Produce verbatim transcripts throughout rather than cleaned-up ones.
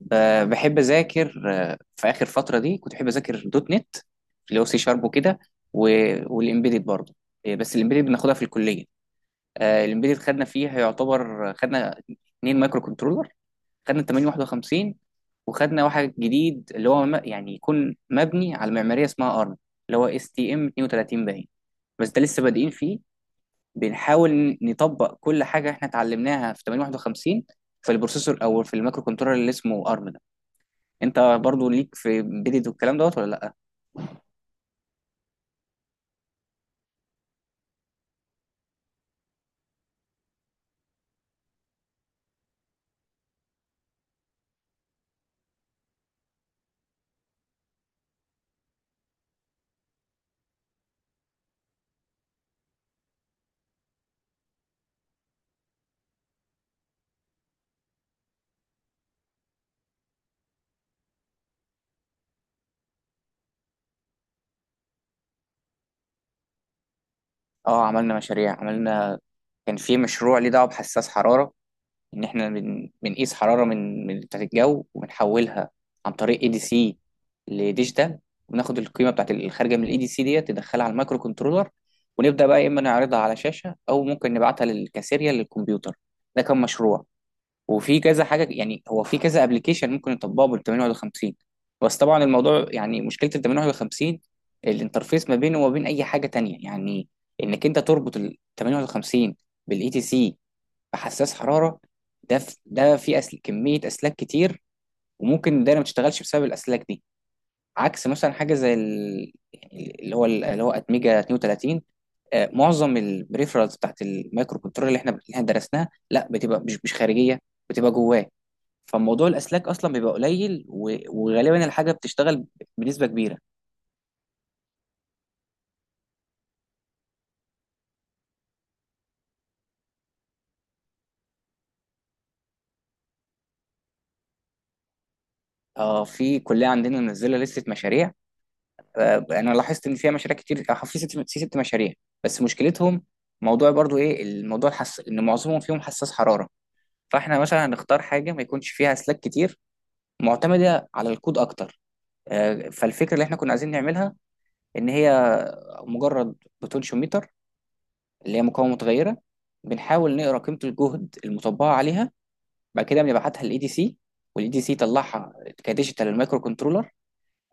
ب- بحب اذاكر آه، في اخر فتره دي كنت بحب اذاكر دوت نت، اللي هو سي شارب وكده. و- والامبيدد برضه. آه، بس الامبيدد بناخدها في الكليه. آه، الامبيدد خدنا فيها، يعتبر خدنا اتنين مايكرو كنترولر. خدنا تمنمية وواحد وخمسين، وخدنا واحد جديد اللي هو م- يعني يكون مبني على معماريه اسمها ارم، اللي هو اس تي ام اتنين وتلاتين باين. بس ده لسه بادئين فيه، بنحاول نطبق كل حاجه احنا اتعلمناها في تمانمية وواحد وخمسين في البروسيسور او في المايكرو كنترولر اللي اسمه ارم. انت برضو ليك في بيدد والكلام دوت ولا لا؟ اه، عملنا مشاريع، عملنا. كان في مشروع ليه دعوه بحساس حراره، ان احنا بن... بنقيس حراره من من بتاعه الجو وبنحولها عن طريق اي دي سي لديجيتال، وبناخد القيمه بتاعه الخارجه من الاي دي سي ديت ندخلها على المايكرو كنترولر، ونبدا بقى يا اما نعرضها على شاشه او ممكن نبعتها للكاسيريا للكمبيوتر. ده كان مشروع. وفي كذا حاجه، يعني هو في كذا ابلكيشن ممكن يطبقه بال تمانين ولا خمسين. بس طبعا الموضوع، يعني مشكله ال تمانين ولا خمسين الانترفيس ما بينه وما بين اي حاجه تانية، يعني انك انت تربط ال تمانين ولا خمسين بالاي تي سي بحساس حراره، ده ف- ده في أسل... كميه اسلاك كتير، وممكن الدايره ما تشتغلش بسبب الاسلاك دي. عكس مثلا حاجه زي ال... يعني اللي هو ال- اللي هو اتميجا اتنين وتلاتين. آه، معظم البريفرالز بتاعت المايكرو كنترول اللي احنا اللي احنا درسناها لا، بتبقى مش مش خارجيه، بتبقى جواه. فموضوع الاسلاك اصلا بيبقى قليل، و... وغالبا الحاجه بتشتغل بنسبه كبيره. اه، في كليه عندنا منزله لسته مشاريع. آه انا لاحظت ان فيها مشاريع كتير. آه، في ست في ست مشاريع، بس مشكلتهم، موضوع برضو، ايه الموضوع الحس... ان معظمهم فيهم حساس حراره. فاحنا مثلا هنختار حاجه ما يكونش فيها اسلاك كتير، معتمده على الكود اكتر. آه فالفكره اللي احنا كنا عايزين نعملها، ان هي مجرد بوتنشيوميتر، اللي هي مقاومه متغيره. بنحاول نقرا قيمه الجهد المطبقه عليها، بعد كده بنبعتها للاي دي سي، والاي دي سي يطلعها كديجيتال للمايكرو كنترولر.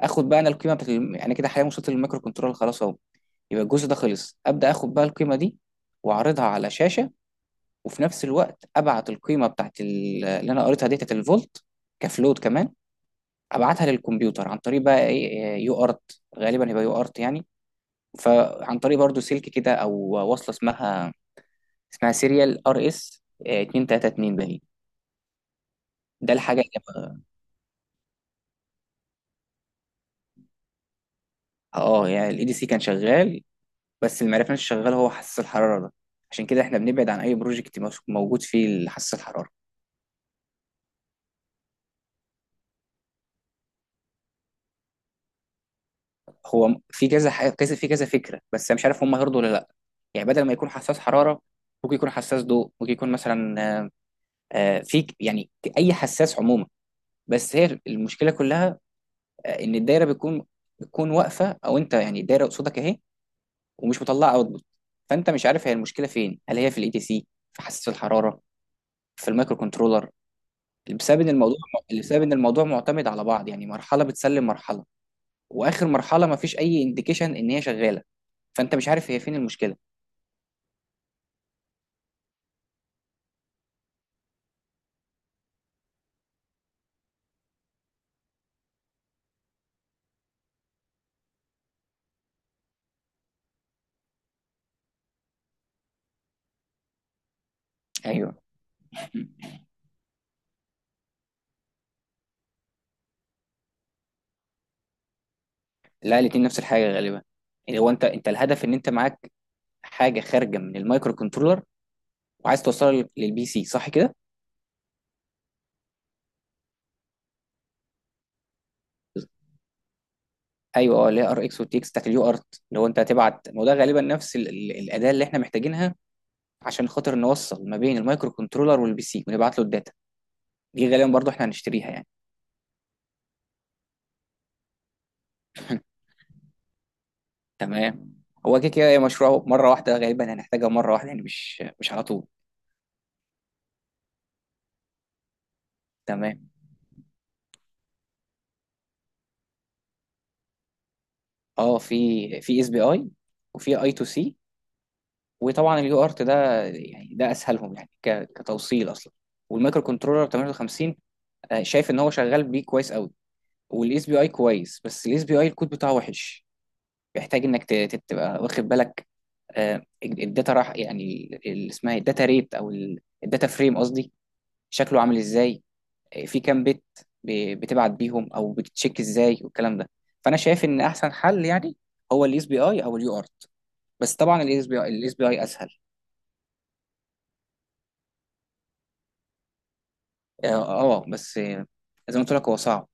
اخد بقى انا القيمه بتاعت الم- يعني كده حاليا وصلت للمايكرو كنترولر خلاص اهو. يبقى الجزء ده خلص، ابدا اخد بقى القيمه دي واعرضها على شاشه، وفي نفس الوقت ابعت القيمه بتاعت ال- اللي انا قريتها دي بتاعت الفولت كفلوت كمان. ابعتها للكمبيوتر عن طريق بقى ايه إيه، يو ارت، غالبا هيبقى يو ارت يعني. فعن طريق برضو سلك كده او وصله اسمها، اسمها سيريال ار اس ميتين واتنين وتلاتين باين. ده الحاجه. اه، يعني الاي دي سي كان شغال، بس اللي معرفناش شغال هو حساس الحراره ده. عشان كده احنا بنبعد عن اي بروجكت مش- موجود فيه حساس الحراره. هو م- في كذا ح- كذا في كذا فكره، بس أنا مش عارف هم هيرضوا ولا لا. يعني بدل ما يكون حساس حراره، ممكن يكون حساس ضوء، ممكن يكون مثلا آه، آه، في ك- يعني ك- اي حساس عموما. بس هي المشكله كلها، آه، ان الدايره بتكون بتكون واقفه، او انت يعني الدايره قصادك اهي ومش مطلعه اوتبوت، فانت مش عارف هي المشكله فين. هل هي في الاي تي سي؟ في حساس الحراره؟ في المايكرو كنترولر؟ بسبب ان الموضوع بسبب ان الموضوع معتمد على بعض، يعني مرحله بتسلم مرحله، واخر مرحله ما فيش اي انديكيشن ان هي شغاله، فانت مش عارف هي فين المشكله. ايوه، لا، الاتنين نفس الحاجه غالبا. يعني هو انت انت الهدف ان انت معاك حاجه خارجه من المايكرو كنترولر وعايز توصلها لل- للبي سي، صح كده؟ ايوه، اه، اللي هي ار اكس والتي اكس بتاعت اليو ارت، اللي هو انت هتبعت. ما هو ده غالبا نفس ال- ال- الاداه اللي احنا محتاجينها عشان خاطر نوصل ما بين المايكرو كنترولر والبي سي ونبعت له الداتا. دي غالبا برضو احنا هنشتريها يعني. تمام. هو كده كده هي مشروع مره واحده، غالبا هنحتاجها مره واحده يعني، مش مش على طول. تمام. اه، في في اس بي اي، وفي اي تو سي. وطبعا اليو ارت ده، يعني ده اسهلهم يعني، ك- كتوصيل اصلا. والمايكرو كنترولر تمنية وخمسين، آه، شايف ان هو شغال بيه كويس قوي. والاس بي اي كويس، بس الاس بي اي الكود بتاعه وحش، بيحتاج انك ت- ت- تبقى واخد بالك. آه، الداتا راح، يعني اللي اسمها الداتا ريت او الداتا فريم قصدي، شكله عامل ازاي، في كام بيت ب- بتبعت بيهم، او بتتشيك ازاي والكلام ده. فانا شايف ان احسن حل يعني هو الاس بي اي او اليو ارت. بس طبعا الاس بي اي الاس بي اي اسهل. اه. آه، بس آه، زي ما قلت لك هو صعب.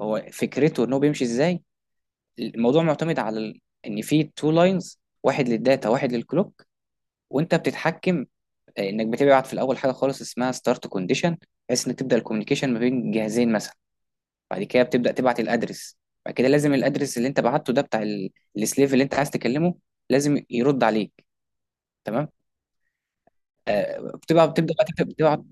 هو فكرته ان هو بيمشي ازاي، الموضوع معتمد على ال... ان في تو لاينز، واحد للداتا واحد للكلوك، وانت بتتحكم. آه، انك بتبعت في الاول حاجه خالص اسمها ستارت كونديشن، بحيث انك تبدا الكوميونيكيشن ما بين جهازين مثلا. بعد كده بتبدأ تبعت الأدرس. بعد كده لازم الأدرس اللي أنت بعته ده بتاع ال- السليف اللي أنت عايز تكلمه لازم يرد عليك. تمام. آه بتبقى بتبدأ بقى تكتب، بتبعت،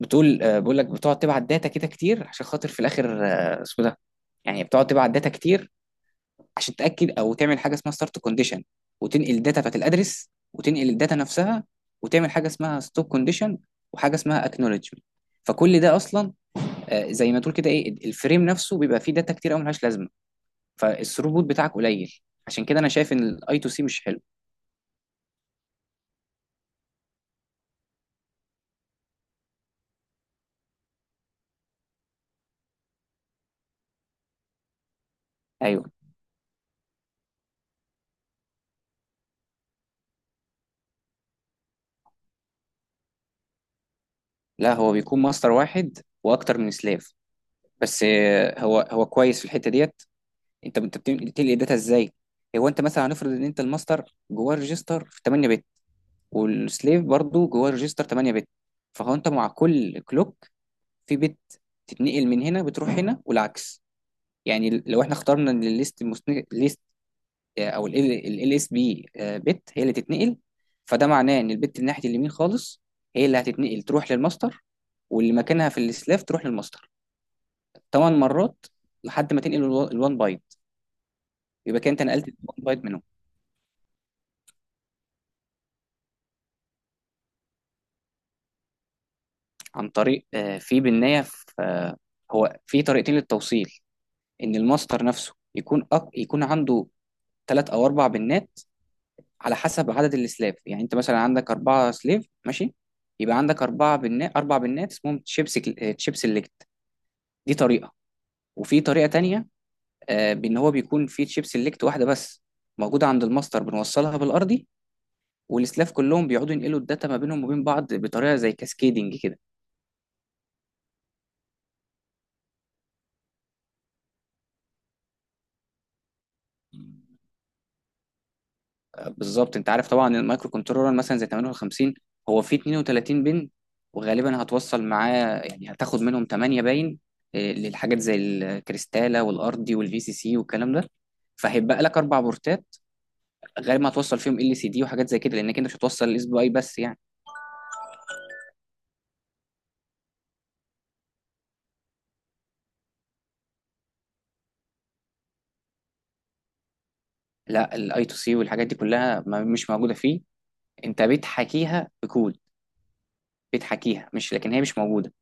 بتقول آه بقول لك بتقعد تبعت داتا كده كتير، عشان خاطر في الآخر آه، اسمه ده، يعني بتقعد تبعت داتا كتير عشان تأكد، أو تعمل حاجة اسمها ستارت كونديشن، وتنقل الداتا بتاعت الأدرس، وتنقل الداتا نفسها، وتعمل حاجة اسمها ستوب كونديشن، وحاجة اسمها اكنولجمنت. فكل ده أصلا، آه زي ما تقول كده، إيه الفريم نفسه بيبقى فيه داتا كتير أوي ملهاش لازمة، فالثروت بتاعك قليل. عشان كده انا شايف ان الاي تو سي مش حلو. ايوه. لا، هو بيكون ماستر واحد واكتر من سلاف. بس آه، هو هو كويس في الحته ديت. انت انت بت- بتنقل داتا ازاي؟ هو انت مثلا هنفرض ان انت الماستر جواه ريجستر في تمنية بت، والسليف برضو جواه ريجستر تمنية بت. فهو انت مع كل كلوك في بت تتنقل، من هنا بتروح هنا والعكس. يعني لو احنا اخترنا الليست او ال اس بي بت هي اللي تتنقل، فده معناه ان البت اللي ناحيه اليمين خالص هي اللي هتتنقل تروح للماستر، واللي مكانها في السلاف تروح للماستر تمن مرات، لحد ما تنقل ال1 بايت. يبقى كده انت نقلت ال1 بايت منهم. عن طريق آه، في بالنهايه في آه، هو في طريقتين للتوصيل. ان الماستر نفسه يكون أق... يكون عنده ثلاث او اربع بنات، على حسب عدد السلاف، يعني انت مثلا عندك اربعه سليف ماشي، يبقى عندك اربعه بنات اربع بنات، اسمهم تشيبس، تشيب سيلكت. دي طريقة. وفي طريقة تانية آه، بإن هو بيكون في تشيب سيلكت واحدة بس، موجودة عند الماستر، بنوصلها بالأرضي، والسلاف كلهم بيقعدوا ينقلوا الداتا ما بينهم وبين بعض بطريقة زي كاسكيدنج كده. آه، بالظبط. أنت عارف طبعا المايكرو كنترولر مثلا زي تمنية وخمسين، هو فيه اتنين وتلاتين بن، وغالبا هتوصل معاه يعني هتاخد منهم تمنية باين آه، للحاجات زي الكريستالة والأرضي والفي سي سي والكلام ده. فهيبقى لك أربع بورتات، غالبا هتوصل فيهم ال سي دي وحاجات زي كده، لأنك أنت مش هتوصل الاس بي اي بس يعني. لا، الاي تو سي والحاجات دي كلها ما مش موجوده فيه، انت بتحكيها بكود، بتحكيها، مش لكن هي مش موجوده.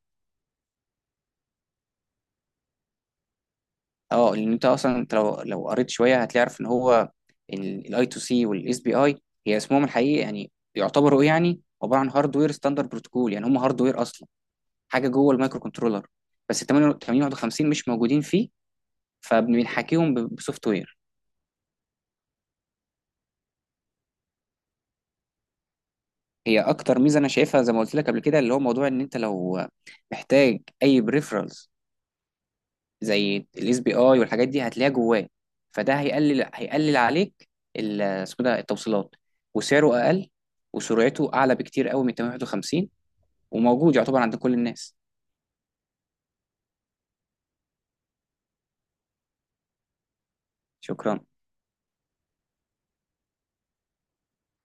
اه، لان انت اصلا انت لو لو قريت شويه هتعرف ان هو الاي تو سي والاس بي اي هي اسمهم الحقيقي، يعني يعتبروا، ايه يعني عباره عن هاردوير ستاندرد بروتوكول، يعني هم هاردوير اصلا، حاجه جوه المايكرو كنترولر. بس تمانين واحد وخمسين مش موجودين فيه، فبنحكيهم ب- بسوفت وير. هي اكتر ميزه انا شايفها، زي ما قلت لك قبل كده، اللي هو موضوع ان انت لو محتاج اي بريفرالز زي الاس بي اي والحاجات دي هتلاقيها جواه، فده هيقلل هيقلل عليك ال- اسمه ده، التوصيلات. وسعره اقل، وسرعته اعلى بكتير قوي من تمنمية وواحد وخمسين، وموجود يعتبر عند كل الناس. شكرا.